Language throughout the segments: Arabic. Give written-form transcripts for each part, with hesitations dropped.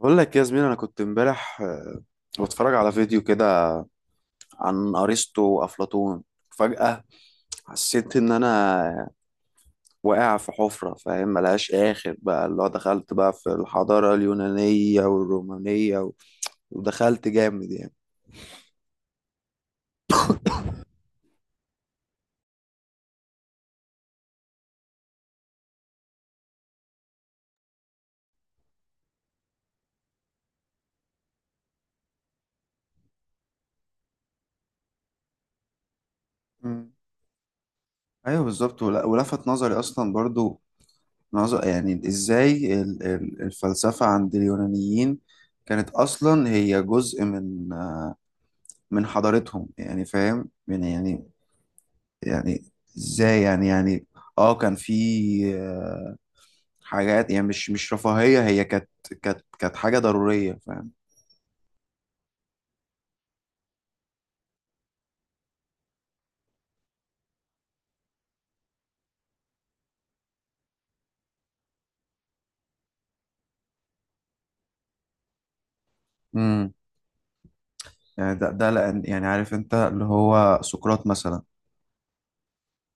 بقول لك يا زميلي، انا كنت امبارح بتفرج على فيديو كده عن ارسطو وافلاطون. فجأة حسيت ان انا واقع في حفرة، فاهم؟ ملهاش اخر بقى، اللي هو دخلت بقى في الحضارة اليونانية والرومانية و- ودخلت جامد يعني. مم. ايوه بالظبط. ول- ولفت نظري اصلا برضو نظر، يعني ازاي الفلسفة عند اليونانيين كانت اصلا هي جزء من حضارتهم، يعني فاهم يعني ازاي يعني. اه كان في آه، حاجات يعني مش رفاهية، هي كانت حاجة ضرورية، فاهم؟ امم يعني ده لأن، يعني عارف انت، اللي هو سقراط مثلا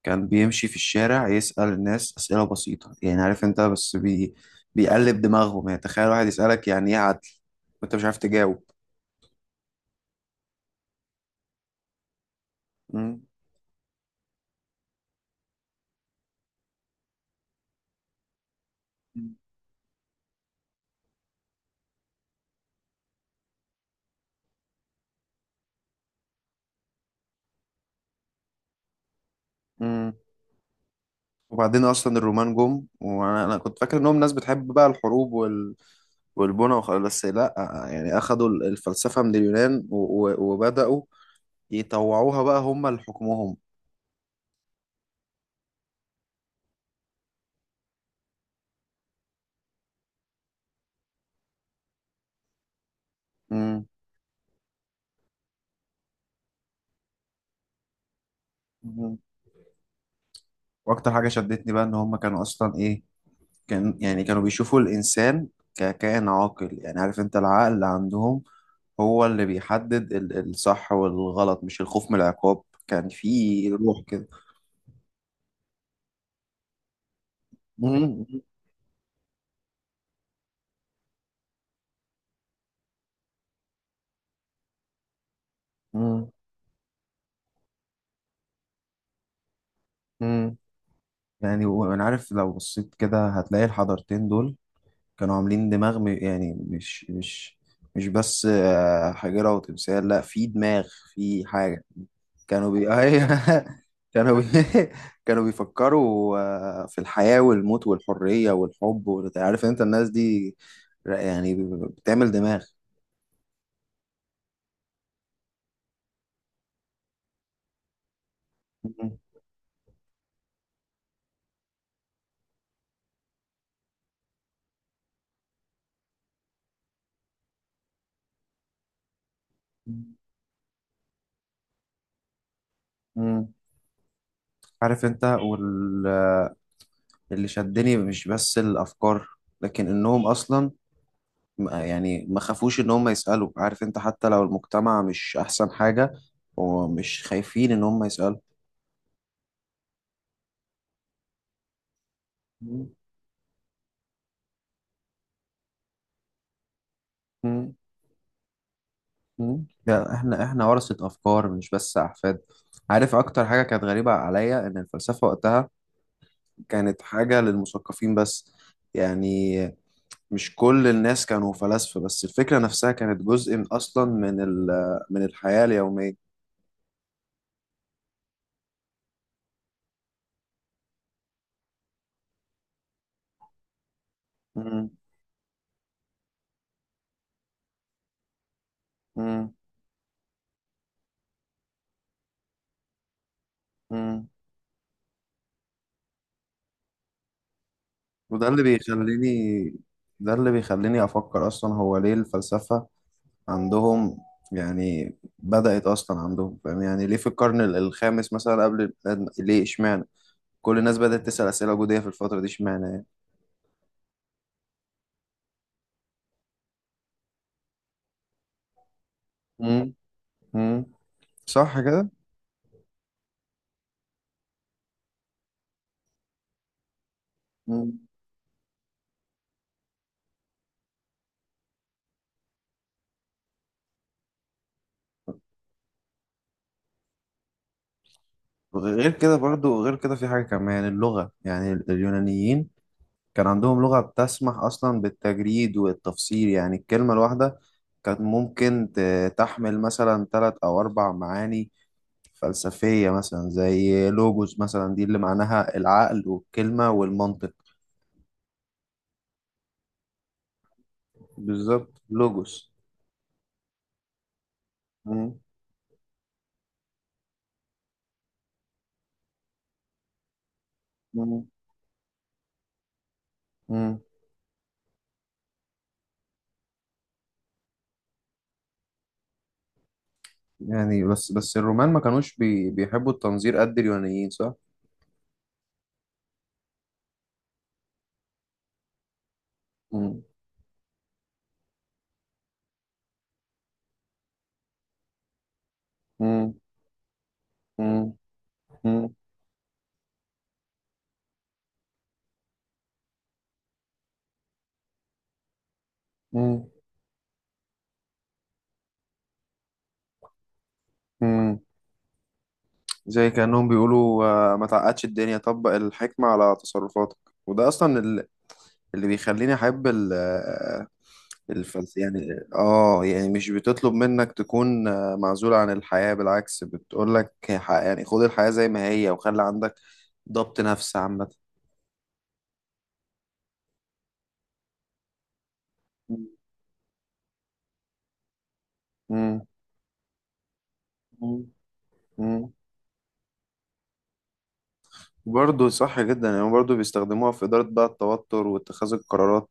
كان بيمشي في الشارع يسأل الناس أسئلة بسيطة. يعني عارف انت بس بيقلب دماغهم. يعني تخيل واحد يسألك يعني ايه عدل وانت مش عارف تجاوب. مم. مم. وبعدين اصلا الرومان جم، وانا كنت فاكر انهم ناس بتحب بقى الحروب والبنا وخلاص. بس لا، يعني اخدوا الفلسفة من اليونان و- و- وبدأوا يطوعوها بقى هم لحكمهم. مم. مم. واكتر حاجة شدتني بقى ان هم كانوا اصلا ايه، كانوا بيشوفوا الانسان ككائن عاقل. يعني عارف انت، العقل اللي عندهم هو اللي بيحدد الصح والغلط، مش الخوف من العقاب. كان في روح كده. مم. مم. مم. يعني وانا عارف لو بصيت كده هتلاقي الحضارتين دول كانوا عاملين دماغ. يعني مش بس حجرة وتمثال، لا، في دماغ، في حاجة. كانوا أيوة. كانوا كانوا بيفكروا في الحياة والموت والحرية والحب. وانت عارف انت الناس دي ر- يعني بتعمل دماغ. مم. مم. عارف انت، واللي شدني مش بس الأفكار لكن انهم اصلا يعني ما خافوش ان هم يسألوا. عارف انت، حتى لو المجتمع مش احسن حاجة ومش خايفين ان هم يسألوا. مم. مم. مم. لا، احنا ورثة افكار مش بس احفاد. عارف اكتر حاجة كانت غريبة عليا، ان الفلسفة وقتها كانت حاجة للمثقفين بس. يعني مش كل الناس كانوا فلاسفة، بس الفكرة نفسها كانت جزء من اصلا من الحياة اليومية. مم. مم. مم. وده اللي بيخليني ده اللي بيخليني أفكر أصلا. هو ليه الفلسفة عندهم يعني بدأت أصلا عندهم، فاهم؟ يعني ليه في القرن الخامس مثلا قبل الإسلام؟ ليه إشمعنى كل الناس بدأت تسأل أسئلة وجودية في الفترة دي، إشمعنى يعني. مم. مم. صح كده. مم. غير كده برضو، غير كده في حاجة كمان. يعني اللغة، يعني اليونانيين كان عندهم لغة بتسمح أصلا بالتجريد والتفسير. يعني الكلمة الواحدة كانت ممكن تحمل مثلا ثلاث أو أربع معاني فلسفية، مثلا زي لوجوس مثلا، دي اللي معناها العقل والكلمة والمنطق. بالظبط، لوجوس. مم. مم. مم. يعني بس الرومان ما كانوش بيحبوا التنظير قد اليونانيين، صح؟ مم. مم. مم. مم. مم. مم. زي كأنهم بيقولوا ما تعقدش الدنيا، طبق الحكمة على تصرفاتك. وده أصلا اللي بيخليني أحب ال- آه، الفلس يعني اه يعني مش بتطلب منك تكون معزول عن الحياة. بالعكس، بتقول لك يعني خد الحياة زي ما هي وخلي عندك ضبط نفس عامة. مم. مم. مم. برضه صح جدا. يعني برضه بيستخدموها في إدارة بقى التوتر واتخاذ القرارات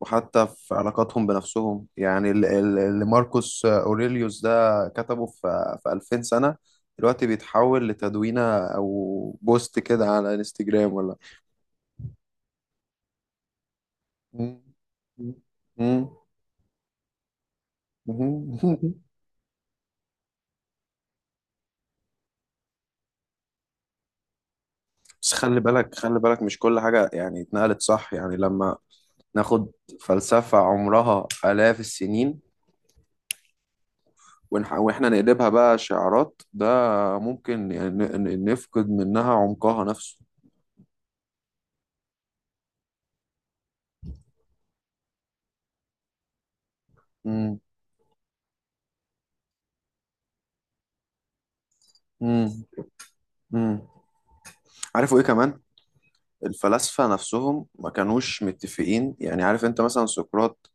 وحتى في علاقاتهم بنفسهم. يعني اللي ماركوس أوريليوس ده كتبه في 2000 سنة، دلوقتي بيتحول لتدوينة أو بوست كده على انستجرام ولا. مم. مم. مم. بس خلي بالك، خلي بالك، مش كل حاجة يعني اتنقلت، صح؟ يعني لما ناخد فلسفة عمرها آلاف السنين واحنا نقلبها بقى شعارات، ده ممكن يعني نفقد منها عمقها نفسه. مم. مم. مم. عارفوا ايه كمان؟ الفلاسفة نفسهم ما كانوش متفقين. يعني عارف انت مثلا سقراط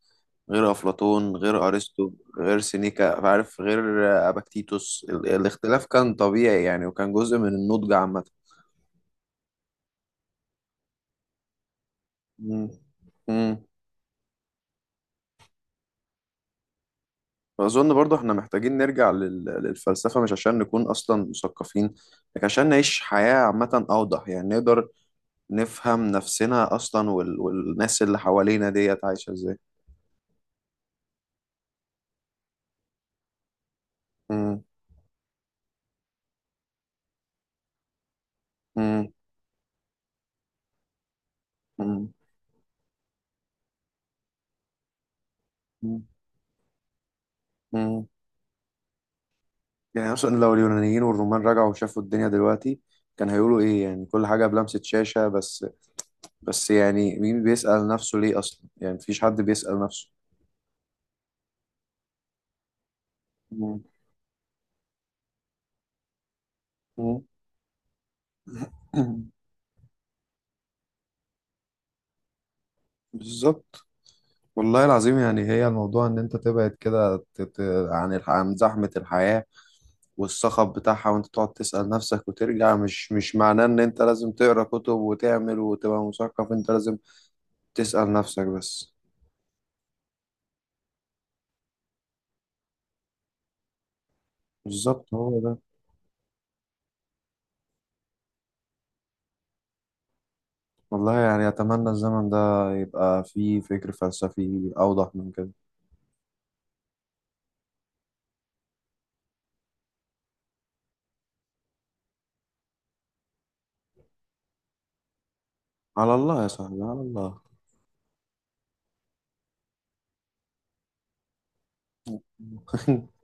غير أفلاطون غير أرسطو غير سينيكا، عارف، غير أباكتيتوس. الاختلاف كان طبيعي يعني، وكان جزء من النضج عامة. مم. مم. فأظن برضو احنا محتاجين نرجع للفلسفة، مش عشان نكون أصلا مثقفين لكن عشان نعيش حياة عامة أوضح. يعني نقدر نفهم نفسنا أصلا والناس اللي حوالينا ديت عايشة إزاي. مم. مم. مم. مم. يعني اصلا لو اليونانيين والرومان رجعوا وشافوا الدنيا دلوقتي كان هيقولوا ايه؟ يعني كل حاجه بلمسه شاشه بس. بس يعني مين بيسأل نفسه ليه اصلا؟ يعني مفيش حد بيسأل نفسه. مم. مم. بالظبط. والله العظيم يعني هي الموضوع ان انت تبعد كده عن زحمه الحياه والصخب بتاعها، وانت تقعد تسأل نفسك وترجع. مش معناه ان انت لازم تقرا كتب وتعمل وتبقى مثقف، انت لازم تسأل نفسك بس. بالظبط، هو ده. والله يعني أتمنى الزمن ده يبقى فيه فكر فلسفي أوضح من كده. على الله يا صاحبي، على الله.